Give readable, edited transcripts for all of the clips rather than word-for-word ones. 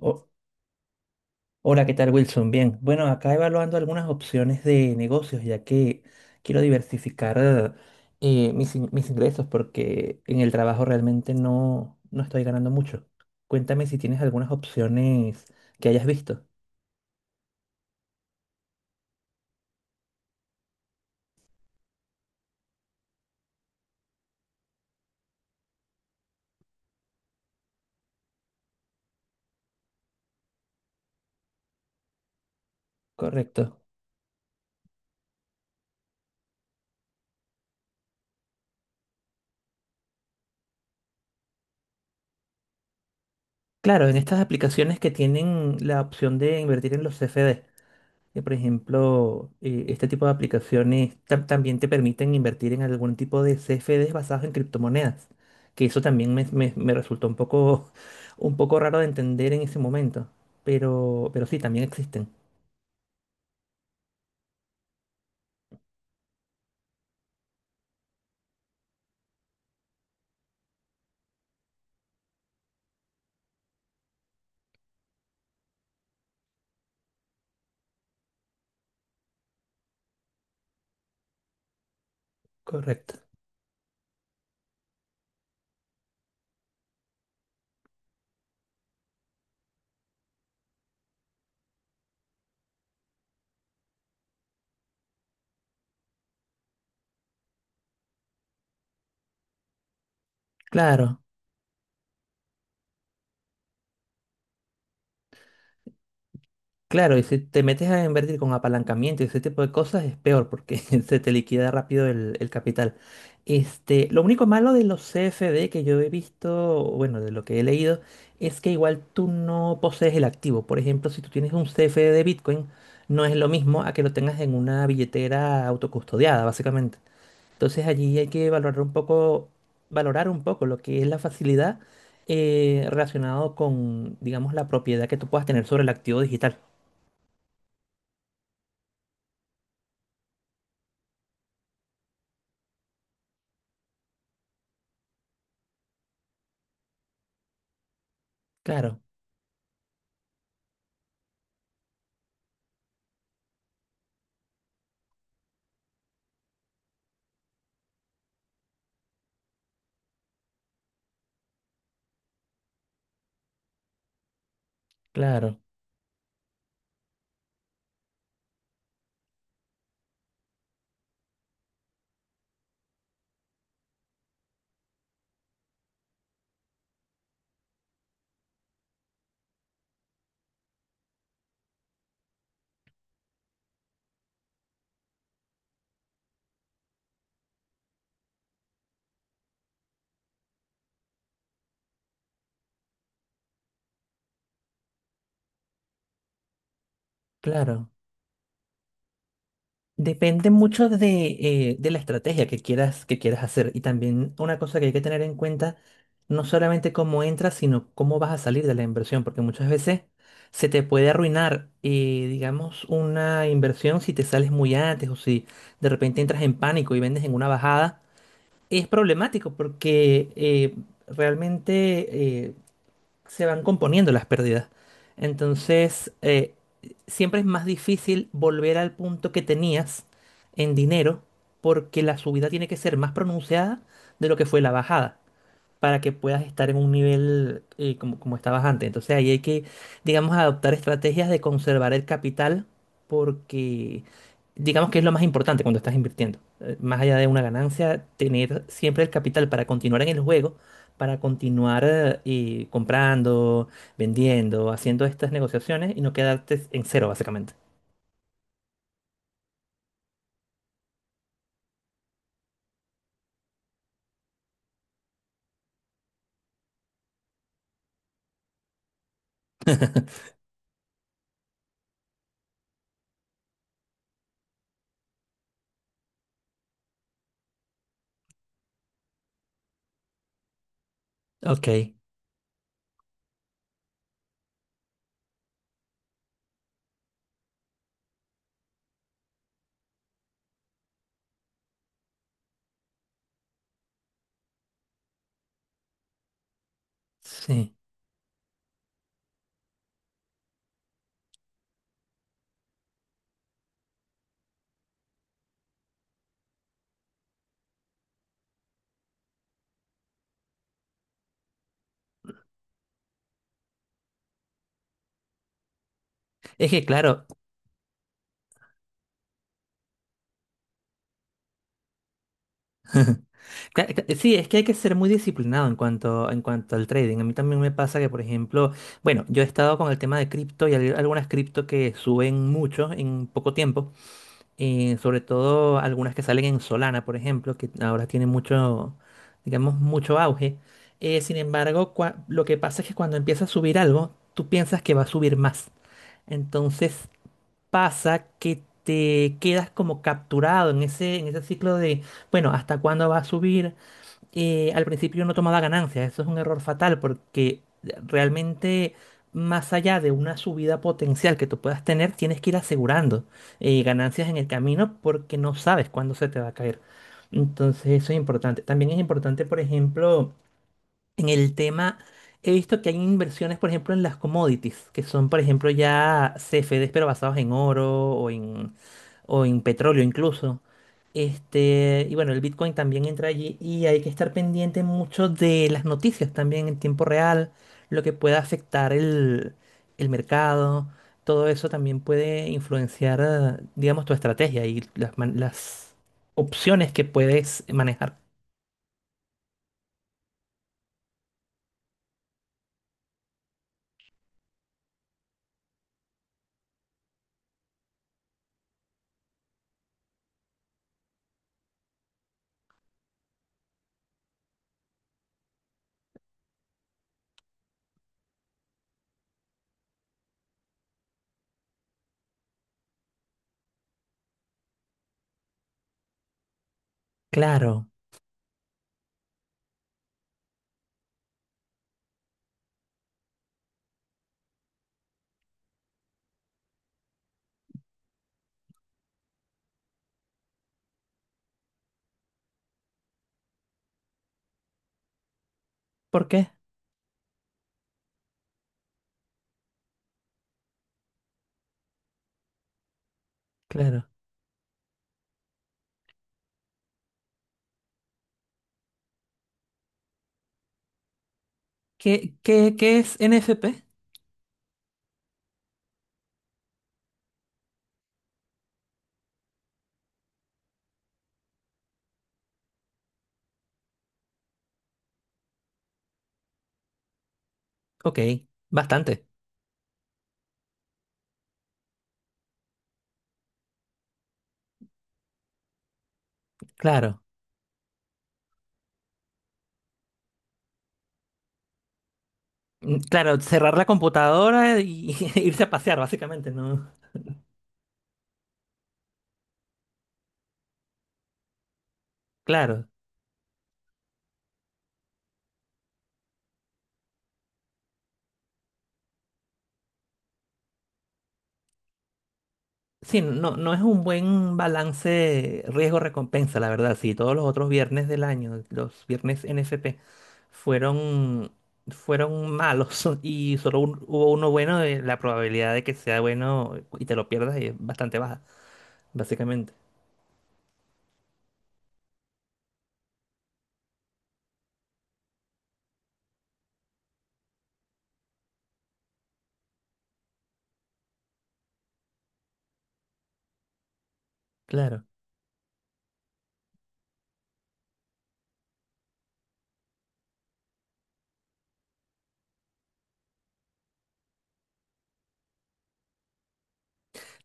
Ho- hola, ¿qué tal, Wilson? Bien. Bueno, acá evaluando algunas opciones de negocios, ya que quiero diversificar mis ingresos, porque en el trabajo realmente no estoy ganando mucho. Cuéntame si tienes algunas opciones que hayas visto. Correcto. Claro, en estas aplicaciones que tienen la opción de invertir en los CFD, que, por ejemplo, este tipo de aplicaciones también te permiten invertir en algún tipo de CFDs basados en criptomonedas, que eso también me resultó un poco, un poco raro de entender en ese momento, pero sí, también existen. Correcto. Claro. Claro, y si te metes a invertir con apalancamiento y ese tipo de cosas es peor porque se te liquida rápido el capital. Este, lo único malo de los CFD que yo he visto, bueno, de lo que he leído, es que igual tú no posees el activo. Por ejemplo, si tú tienes un CFD de Bitcoin, no es lo mismo a que lo tengas en una billetera autocustodiada, básicamente. Entonces allí hay que valorar un poco lo que es la facilidad relacionado con, digamos, la propiedad que tú puedas tener sobre el activo digital. Claro, claro, claro. Depende mucho de la estrategia que quieras hacer. Y también una cosa que hay que tener en cuenta, no solamente cómo entras, sino cómo vas a salir de la inversión, porque muchas veces se te puede arruinar, digamos, una inversión si te sales muy antes o si de repente entras en pánico y vendes en una bajada. Es problemático porque realmente se van componiendo las pérdidas. Entonces, siempre es más difícil volver al punto que tenías en dinero porque la subida tiene que ser más pronunciada de lo que fue la bajada para que puedas estar en un nivel como, como estabas antes. Entonces ahí hay que, digamos, adoptar estrategias de conservar el capital porque digamos que es lo más importante cuando estás invirtiendo. Más allá de una ganancia, tener siempre el capital para continuar en el juego, para continuar y comprando, vendiendo, haciendo estas negociaciones y no quedarte en cero, básicamente. Ok, sí. Es que claro, sí, es que hay que ser muy disciplinado en cuanto al trading. A mí también me pasa que, por ejemplo, bueno, yo he estado con el tema de cripto y hay algunas cripto que suben mucho en poco tiempo. Sobre todo algunas que salen en Solana, por ejemplo, que ahora tienen mucho, digamos, mucho auge. Sin embargo, lo que pasa es que cuando empieza a subir algo, tú piensas que va a subir más. Entonces pasa que te quedas como capturado en ese ciclo de, bueno, ¿hasta cuándo va a subir? Al principio no tomaba ganancias. Eso es un error fatal porque realmente más allá de una subida potencial que tú puedas tener, tienes que ir asegurando ganancias en el camino porque no sabes cuándo se te va a caer. Entonces eso es importante. También es importante, por ejemplo, en el tema, he visto que hay inversiones, por ejemplo, en las commodities, que son, por ejemplo, ya CFDs pero basados en oro o en petróleo incluso. Este, y bueno, el Bitcoin también entra allí y hay que estar pendiente mucho de las noticias también en tiempo real, lo que pueda afectar el mercado, todo eso también puede influenciar, digamos, tu estrategia y las opciones que puedes manejar. Claro. ¿Por qué? Claro. ¿Qué, qué, qué es NFP? Ok, bastante. Claro. Mm, claro, cerrar la computadora y irse a pasear, básicamente, ¿no? Claro, sí, no, no es un buen balance riesgo-recompensa, la verdad. Si todos los otros viernes del año, los viernes NFP, fueron, fueron malos y hubo uno bueno, la probabilidad de que sea bueno y te lo pierdas es bastante baja, básicamente. Claro.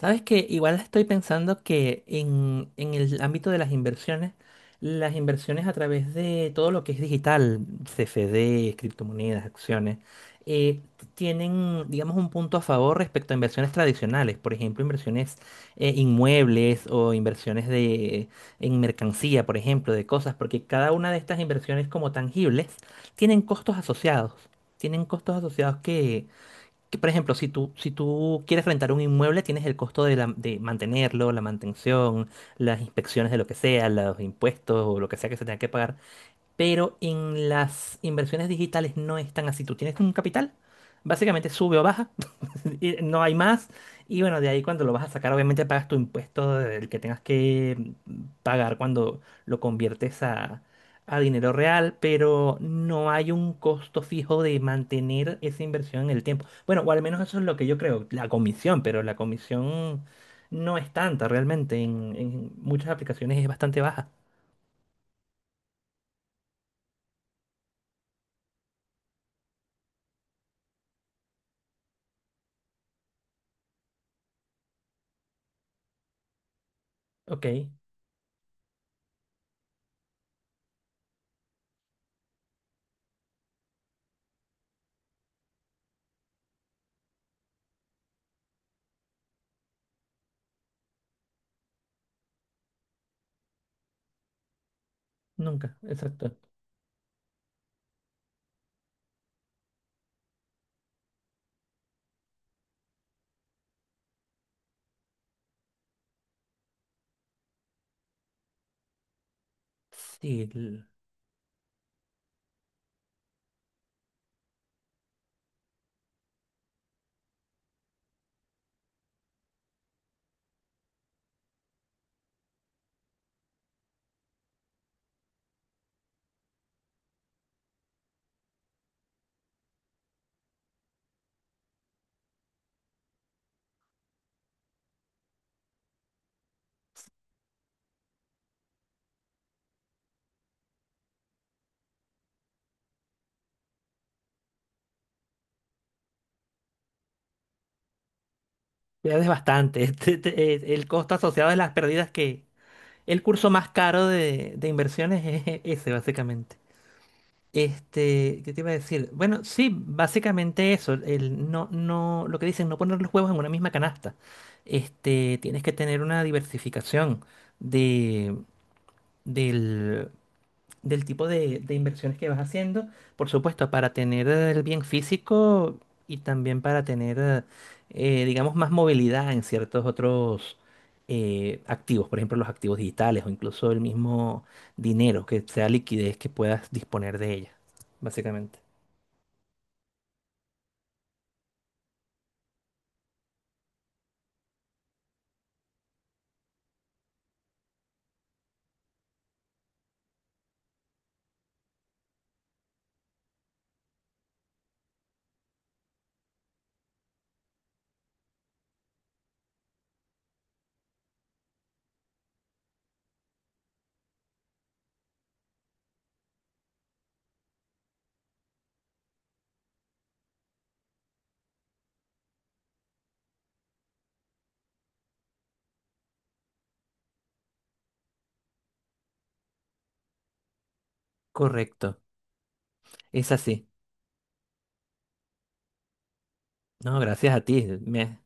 Sabes que igual estoy pensando que en el ámbito de las inversiones a través de todo lo que es digital, CFD, criptomonedas, acciones, eh, tienen, digamos, un punto a favor respecto a inversiones tradicionales, por ejemplo, inversiones inmuebles o inversiones de, en mercancía, por ejemplo, de cosas, porque cada una de estas inversiones como tangibles tienen costos asociados. Tienen costos asociados que, por ejemplo, si tú, si tú quieres rentar un inmueble, tienes el costo de, de mantenerlo, la mantención, las inspecciones de lo que sea, los impuestos o lo que sea que se tenga que pagar, pero en las inversiones digitales no es tan así. Tú tienes un capital, básicamente sube o baja, y no hay más. Y bueno, de ahí cuando lo vas a sacar, obviamente pagas tu impuesto del que tengas que pagar cuando lo conviertes a dinero real, pero no hay un costo fijo de mantener esa inversión en el tiempo. Bueno, o al menos eso es lo que yo creo, la comisión, pero la comisión no es tanta realmente, en muchas aplicaciones es bastante baja. Ok, nunca, exacto. Sí, pierdes bastante. El costo asociado de las pérdidas que... El curso más caro de inversiones es ese, básicamente. Este, ¿qué te iba a decir? Bueno, sí, básicamente eso. El no, no, lo que dicen, no poner los huevos en una misma canasta. Este, tienes que tener una diversificación de, del del tipo de inversiones que vas haciendo, por supuesto, para tener el bien físico y también para tener, digamos, más movilidad en ciertos otros activos, por ejemplo, los activos digitales o incluso el mismo dinero, que sea liquidez que puedas disponer de ella, básicamente. Correcto, es así. No, gracias a ti,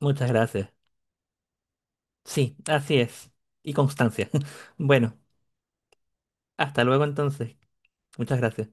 muchas gracias. Sí, así es. Y constancia. Bueno, hasta luego entonces. Muchas gracias.